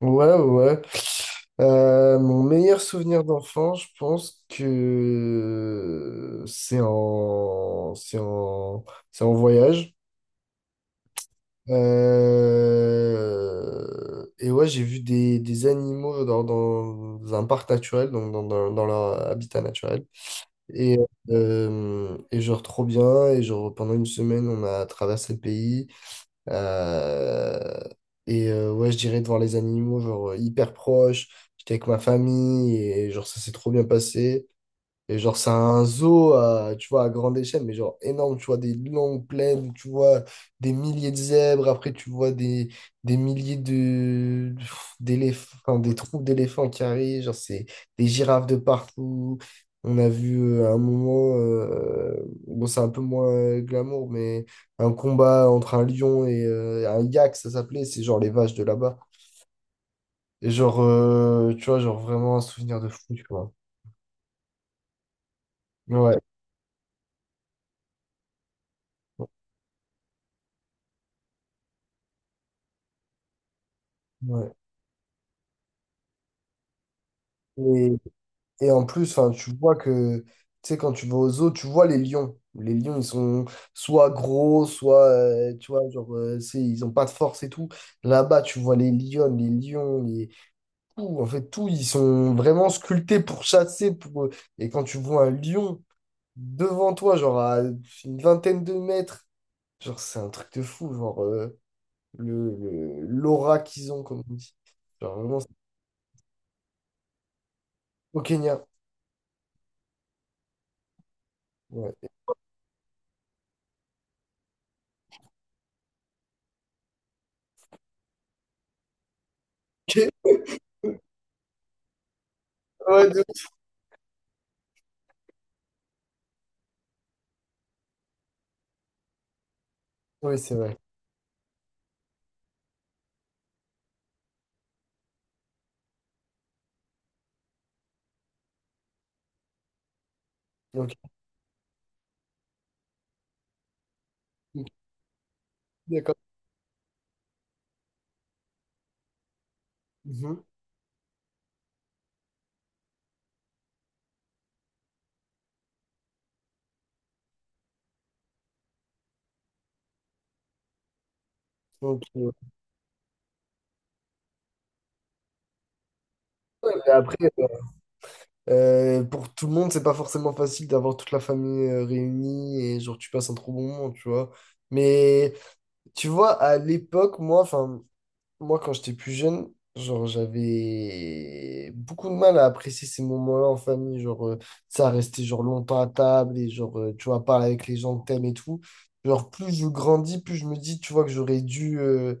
Ouais, ouais. Ouais. Mon meilleur souvenir d'enfant, je pense que c'est en voyage. Et ouais, j'ai vu des animaux dans un parc naturel, donc dans leur habitat naturel. Et, et genre trop bien. Et genre pendant une semaine, on a traversé le pays. Euh, ouais, je dirais de voir les animaux genre hyper proches. J'étais avec ma famille et genre ça s'est trop bien passé. Et genre, c'est un zoo, à, tu vois, à grande échelle, mais genre énorme, tu vois, des longues plaines, tu vois des milliers de zèbres, après tu vois des milliers d'éléphants, enfin, des troupes d'éléphants qui arrivent, genre c'est des girafes de partout. On a vu à un moment, bon, c'est un peu moins glamour, mais un combat entre un lion et un yak, ça s'appelait, c'est genre les vaches de là-bas. Et genre, tu vois, genre vraiment un souvenir de fou, tu vois. Ouais. Ouais. Et en plus, enfin, tu vois que, tu sais, quand tu vas aux zoos, tu vois les lions. Les lions, ils sont soit gros, soit, tu vois, genre, ils ont pas de force et tout. Là-bas, tu vois les lions, tout, en fait, tout, ils sont vraiment sculptés pour chasser. Et quand tu vois un lion devant toi, genre à une vingtaine de mètres, genre, c'est un truc de fou, genre, l'aura qu'ils ont, comme on dit. Genre, vraiment, au Kenya. Ouais, ok. Ouais, de. Oui, c'est vrai. Ok. D'accord. Mhm. Donc, et après, pour tout le monde, c'est pas forcément facile d'avoir toute la famille réunie et genre tu passes un trop bon moment, tu vois. Mais tu vois, à l'époque, moi, quand j'étais plus jeune, genre, j'avais beaucoup de mal à apprécier ces moments-là en famille. Genre, ça restait genre longtemps à table et genre, tu vois, parler avec les gens que t'aimes et tout. Genre, plus je grandis, plus je me dis, tu vois, que j'aurais dû,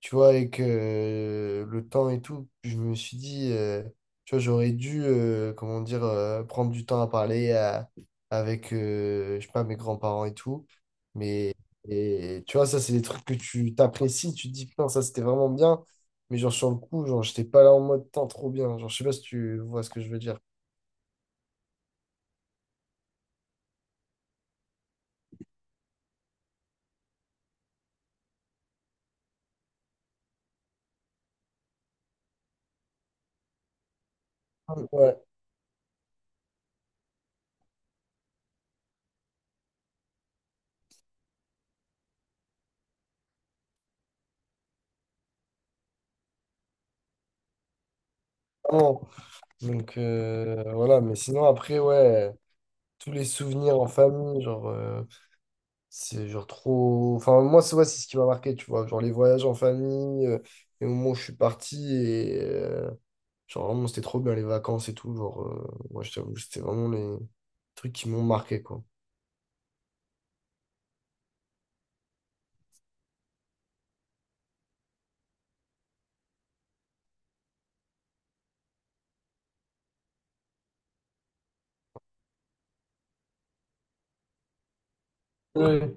tu vois, avec le temps et tout, je me suis dit, tu vois, j'aurais dû, comment dire, prendre du temps à parler avec, je sais pas, mes grands-parents et tout. Mais et tu vois, ça, c'est des trucs que tu t'apprécies, tu te dis, putain, ça, c'était vraiment bien. Mais genre, sur le coup, genre, j'étais pas là en mode, tant trop bien. Genre, je sais pas si tu vois ce que je veux dire. Ouais, vraiment. Donc, voilà. Mais sinon, après, ouais, tous les souvenirs en famille, genre, c'est genre trop... Enfin, moi, c'est ouais, c'est ce qui m'a marqué, tu vois. Genre, les voyages en famille, les moments où je suis parti et... genre, vraiment, c'était trop bien, les vacances et tout. Genre, moi, je t'avoue, c'était vraiment les trucs qui m'ont marqué, quoi. Ouais.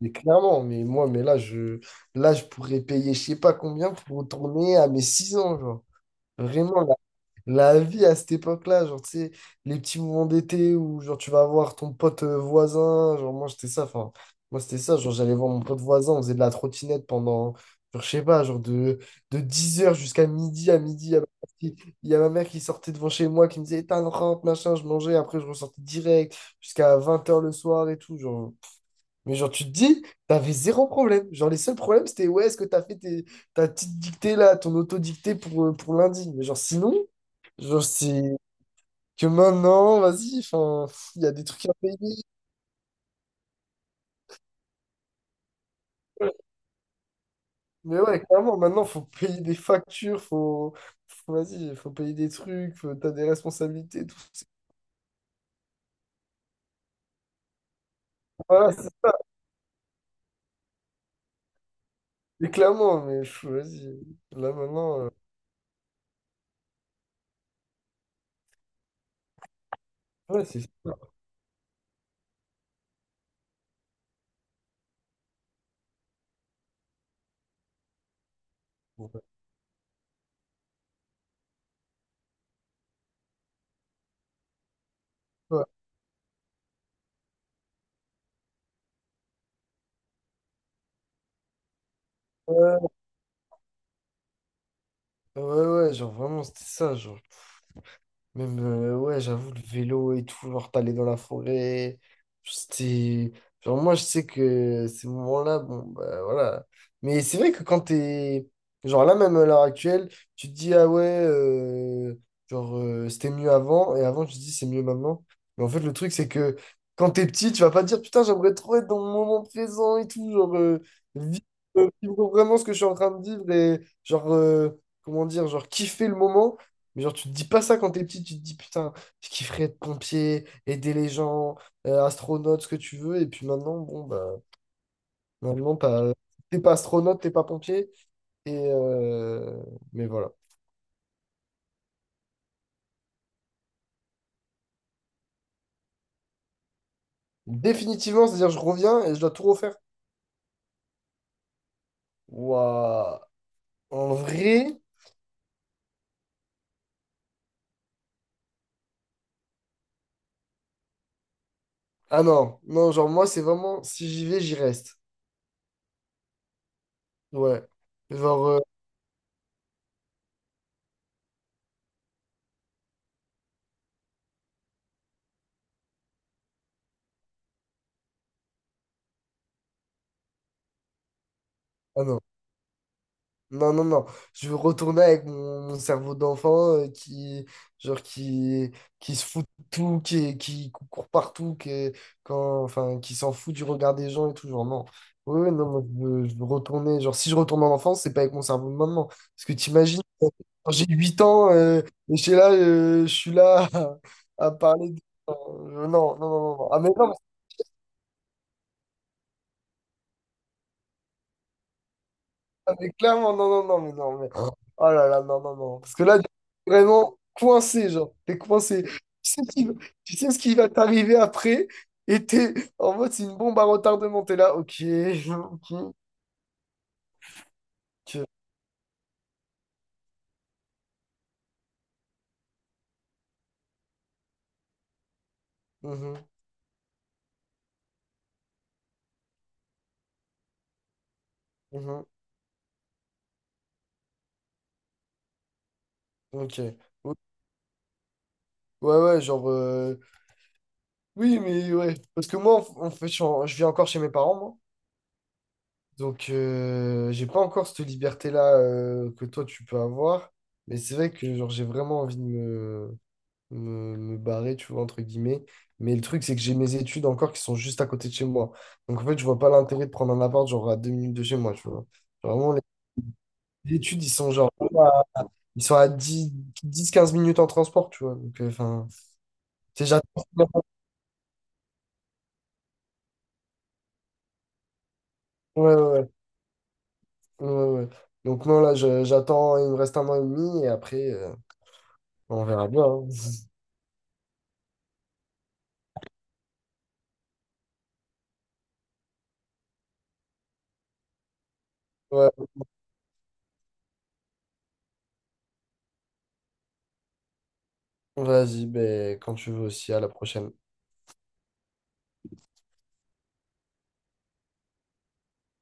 Mais clairement, mais moi, mais là, là, je pourrais payer je sais pas combien pour retourner à mes 6 ans, genre. Vraiment, la vie à cette époque-là, genre, tu sais, les petits moments d'été où, genre, tu vas voir ton pote voisin, genre, moi, c'était ça, genre, j'allais voir mon pote voisin, on faisait de la trottinette pendant, genre, je sais pas, genre, de 10 heures jusqu'à midi, à midi, il y a ma mère qui sortait devant chez moi, qui me disait, éteins le rampe, machin, je mangeais, après, je ressortais direct, jusqu'à 20 heures le soir et tout, genre. Mais genre, tu te dis, t'avais zéro problème. Genre, les seuls problèmes, c'était, ouais, est-ce que t'as fait ta petite dictée là, ton auto-dictée pour lundi? Mais genre, sinon, genre, c'est que maintenant, vas-y, enfin, il y a des trucs à payer. Mais ouais, clairement, maintenant, faut payer des factures, vas-y, faut payer des trucs, t'as des responsabilités, tout ça. Voilà, c'est clairement, mais pff, vas-y, là maintenant, ouais, c'est ça. Ouais, ouais, ouais, ouais, genre, vraiment, c'était ça, genre. Même, ouais, j'avoue, le vélo et tout, genre, t'allais dans la forêt. C'était. Genre, moi, je sais que ces moments-là, bon, bah voilà. Mais c'est vrai que quand t'es. Genre, là, même à l'heure actuelle, tu te dis, ah ouais, genre, c'était mieux avant. Et avant, tu te dis, c'est mieux maintenant. Mais en fait, le truc, c'est que quand t'es petit, tu vas pas te dire, putain, j'aimerais trop être dans mon moment présent et tout. Genre, vivre, vivre vraiment ce que je suis en train de vivre et, genre, comment dire, genre, kiffer le moment. Mais genre, tu te dis pas ça quand t'es petit, tu te dis putain, je kifferais être pompier, aider les gens, astronaute, ce que tu veux. Et puis maintenant, bon, bah, maintenant, t'es pas astronaute, t'es pas pompier. Et euh, Mais voilà. Définitivement, c'est-à-dire, je reviens et je dois tout refaire. Waouh. En vrai. Ah non, non, genre, moi, c'est vraiment, si j'y vais, j'y reste. Ouais. Genre, ah non. Non, non, non. Je veux retourner avec mon cerveau d'enfant qui, genre, qui se fout de tout, qui court partout, qui s'en fout du regard des gens et tout. Genre, non. Oui, oui, non, moi, je veux retourner. Genre, si je retourne en enfance, c'est pas avec mon cerveau de maintenant. Parce que t'imagines, quand j'ai 8 ans, et je suis là, à parler de... Euh, non, non, non, non. Non. Ah, mais non, ah, mais clairement, non, non, non, mais non, mais. Oh là là, non, non, non. Parce que là, tu es vraiment coincé, genre. T'es coincé. Sais ce qui, tu sais ce qui va t'arriver après, et t'es en mode, c'est une bombe à retardement. T'es là, ok, ok, ok. Mhm, mhm, ok. Ou- Ouais, ouais, genre. Oui, mais ouais. Parce que moi, en fait, je vis encore chez mes parents, moi. Donc, j'ai pas encore cette liberté-là que toi, tu peux avoir. Mais c'est vrai que, genre, j'ai vraiment envie de me. Me barrer, tu vois, entre guillemets. Mais le truc, c'est que j'ai mes études encore qui sont juste à côté de chez moi. Donc, en fait, je vois pas l'intérêt de prendre un appart, genre, à 2 minutes de chez moi, tu vois. Vraiment, les études, ils sont genre, à- ils sont à dix 15 minutes en transport, tu vois. Donc, enfin, tu sais, j'attends. Ouais, ouais, ouais, ouais, ouais. Ouais. Donc, non, là, j'attends, il me reste un mois et demi, et après, on verra bien. Hein. Ouais, vas-y, ben, quand tu veux aussi, à la prochaine.